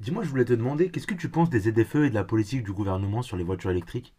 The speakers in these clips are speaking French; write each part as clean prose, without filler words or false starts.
Dis-moi, je voulais te demander, qu'est-ce que tu penses des ZFE et de la politique du gouvernement sur les voitures électriques?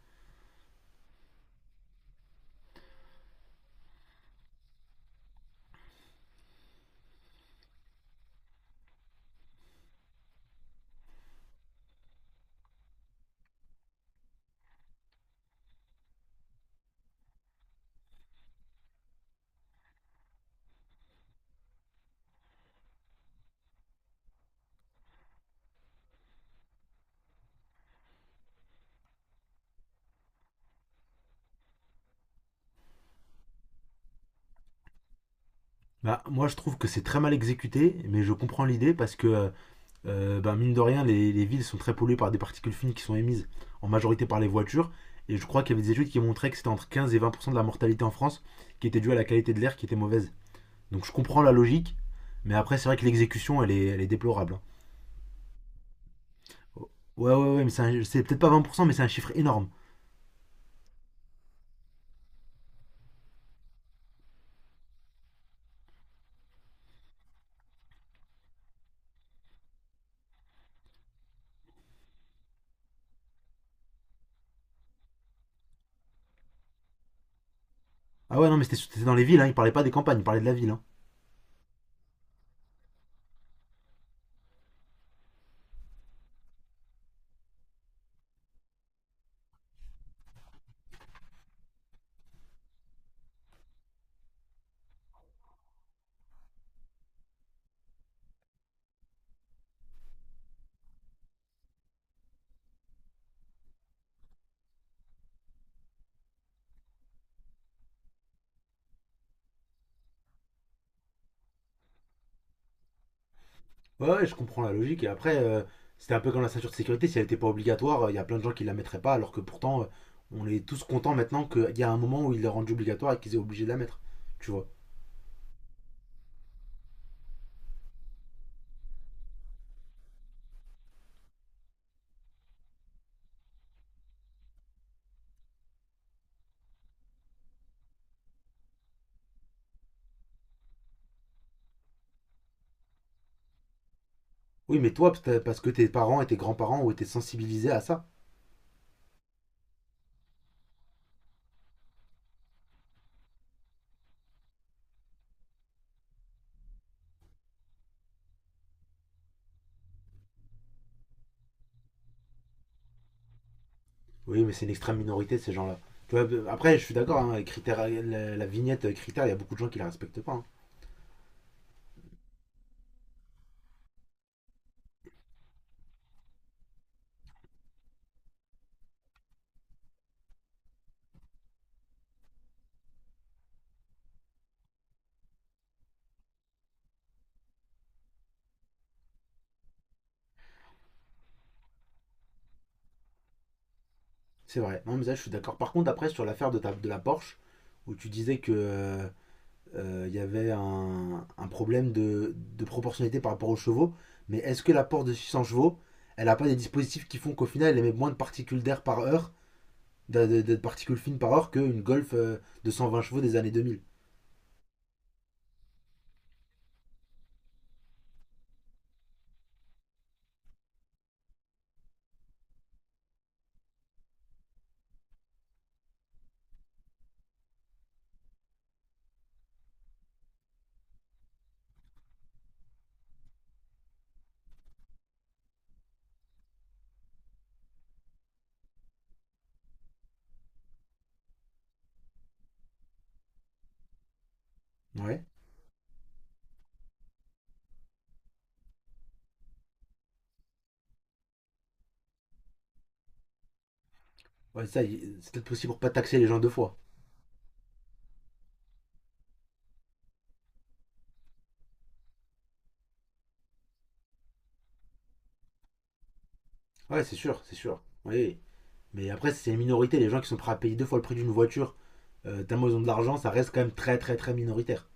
Bah, moi, je trouve que c'est très mal exécuté, mais je comprends l'idée parce que, bah, mine de rien, les villes sont très polluées par des particules fines qui sont émises en majorité par les voitures. Et je crois qu'il y avait des études qui montraient que c'était entre 15 et 20% de la mortalité en France qui était due à la qualité de l'air qui était mauvaise. Donc je comprends la logique, mais après, c'est vrai que l'exécution, elle est déplorable, hein. Ouais, ouais, ouais, mais c'est peut-être pas 20%, mais c'est un chiffre énorme. Ah ouais, non, mais c'était dans les villes, hein, il parlait pas des campagnes, il parlait de la ville, hein. Ouais, ouais, je comprends la logique. Et après, c'était un peu comme la ceinture de sécurité, si elle n'était pas obligatoire, il y a plein de gens qui la mettraient pas, alors que pourtant, on est tous contents maintenant qu'il y a un moment où ils la rendent obligatoire et qu'ils soient obligés de la mettre. Tu vois. Oui, mais toi, peut-être parce que tes parents et tes grands-parents ont été sensibilisés à ça. Oui, mais c'est une extrême minorité, ces gens-là. Tu vois, après, je suis d'accord, hein, la, la vignette critère, il y a beaucoup de gens qui la respectent pas, hein. C'est vrai. Non, mais ça, je suis d'accord. Par contre, après, sur l'affaire de, de la Porsche, où tu disais que il y avait un problème de proportionnalité par rapport aux chevaux. Mais est-ce que la Porsche de 600 chevaux, elle n'a pas des dispositifs qui font qu'au final, elle émet moins de particules d'air par heure, de particules fines par heure, qu'une Golf de 120 chevaux des années 2000? Ouais. Ouais, ça, c'est peut-être possible pour pas taxer les gens deux fois. Ouais, c'est sûr, c'est sûr. Oui. Mais après, c'est une minorité, les gens qui sont prêts à payer deux fois le prix d'une voiture, tellement ils ont de l'argent, ça reste quand même très, très, très minoritaire.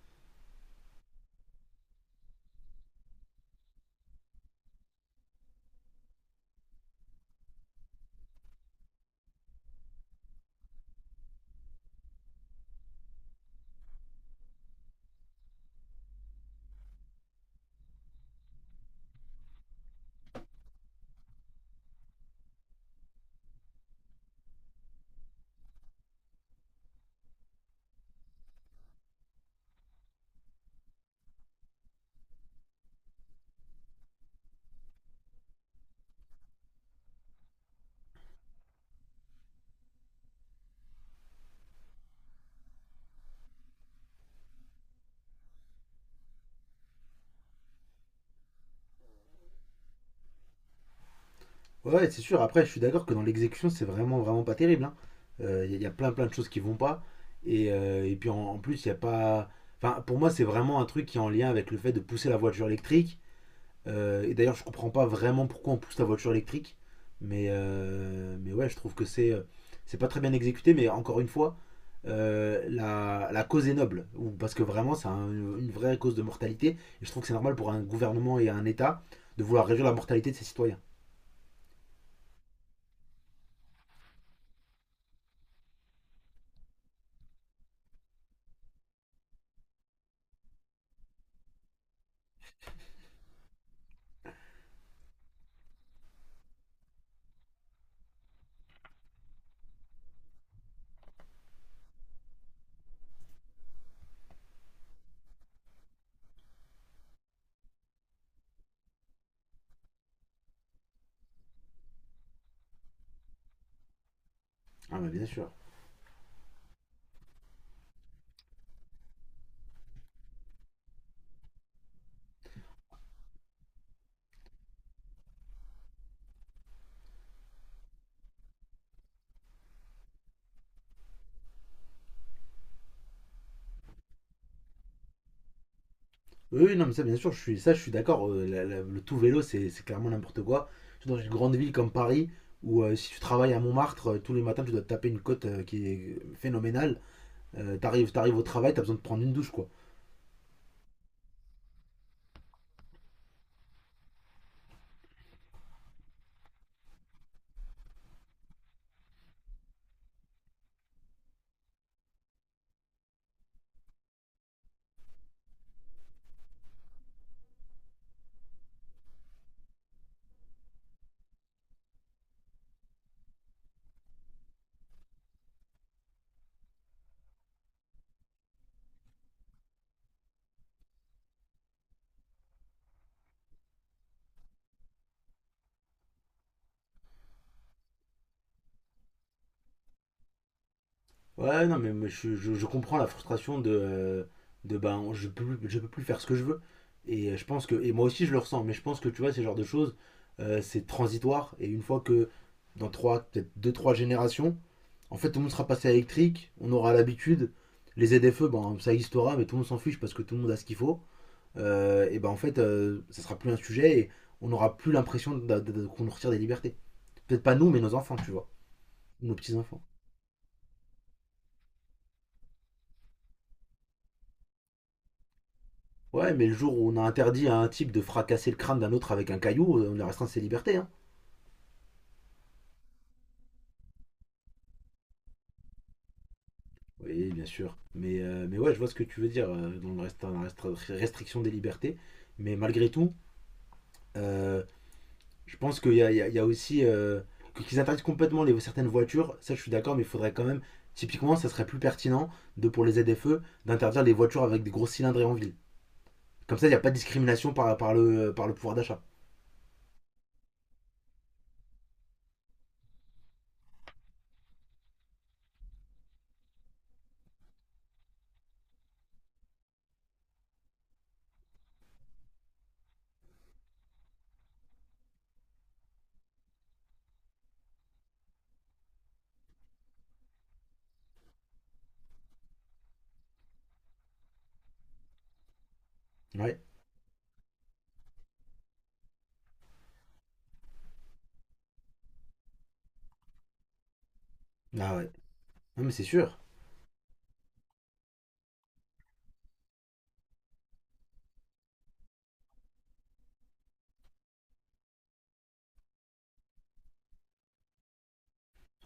Ouais, c'est sûr. Après, je suis d'accord que dans l'exécution, c'est vraiment, vraiment pas terrible, hein. Il il y a plein, plein de choses qui vont pas. Et puis en plus, il n'y a pas. Enfin, pour moi, c'est vraiment un truc qui est en lien avec le fait de pousser la voiture électrique. Et d'ailleurs, je comprends pas vraiment pourquoi on pousse la voiture électrique. Mais ouais, je trouve que c'est pas très bien exécuté. Mais encore une fois, la, la cause est noble. Parce que vraiment, une vraie cause de mortalité. Et je trouve que c'est normal pour un gouvernement et un État de vouloir réduire la mortalité de ses citoyens. Ah, bah, bien sûr. Oui, oui, non, mais ça, bien sûr, je suis, ça, je suis d'accord. Le tout vélo, c'est clairement n'importe quoi. Surtout dans une grande ville comme Paris, où si tu travailles à Montmartre, tous les matins, tu dois te taper une côte qui est phénoménale. T'arrives au travail, t'as besoin de prendre une douche, quoi. Ouais, non, je comprends la frustration de ben, je peux plus faire ce que je veux. Et je pense que, et moi aussi, je le ressens, mais je pense que, tu vois, ce genre de choses, c'est transitoire. Et une fois que, dans trois, peut-être deux, trois générations, en fait, tout le monde sera passé à électrique, on aura l'habitude. Les ZFE, ben, ça existera, mais tout le monde s'en fiche parce que tout le monde a ce qu'il faut. Et ben en fait, ça sera plus un sujet et on n'aura plus l'impression qu'on nous retire des libertés. Peut-être pas nous, mais nos enfants, tu vois, nos petits enfants. Ouais, mais le jour où on a interdit à un type de fracasser le crâne d'un autre avec un caillou, on lui restreint ses libertés, hein. Oui, bien sûr. Mais ouais, je vois ce que tu veux dire dans la restriction des libertés. Mais malgré tout, euh, je pense qu'il y a, il y a aussi. Qu'ils interdisent complètement les, certaines voitures, ça je suis d'accord, mais il faudrait quand même. Typiquement, ça serait plus pertinent de, pour les ZFE d'interdire les voitures avec des gros cylindrés en ville. Comme ça, il n'y a pas de discrimination par le pouvoir d'achat. Ouais. Ah ouais. Non, mais c'est sûr.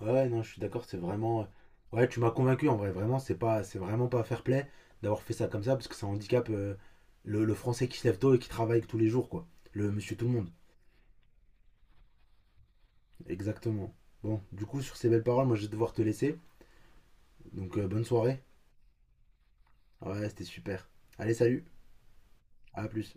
Ouais, ouais, non, je suis d'accord, c'est vraiment. Ouais, tu m'as convaincu en vrai, vraiment, c'est vraiment pas fair play d'avoir fait ça comme ça parce que ça handicape le français qui se lève tôt et qui travaille tous les jours, quoi. Le monsieur tout le monde. Exactement. Bon, du coup, sur ces belles paroles, moi je vais devoir te laisser. Donc bonne soirée. Ouais, c'était super. Allez, salut. À plus.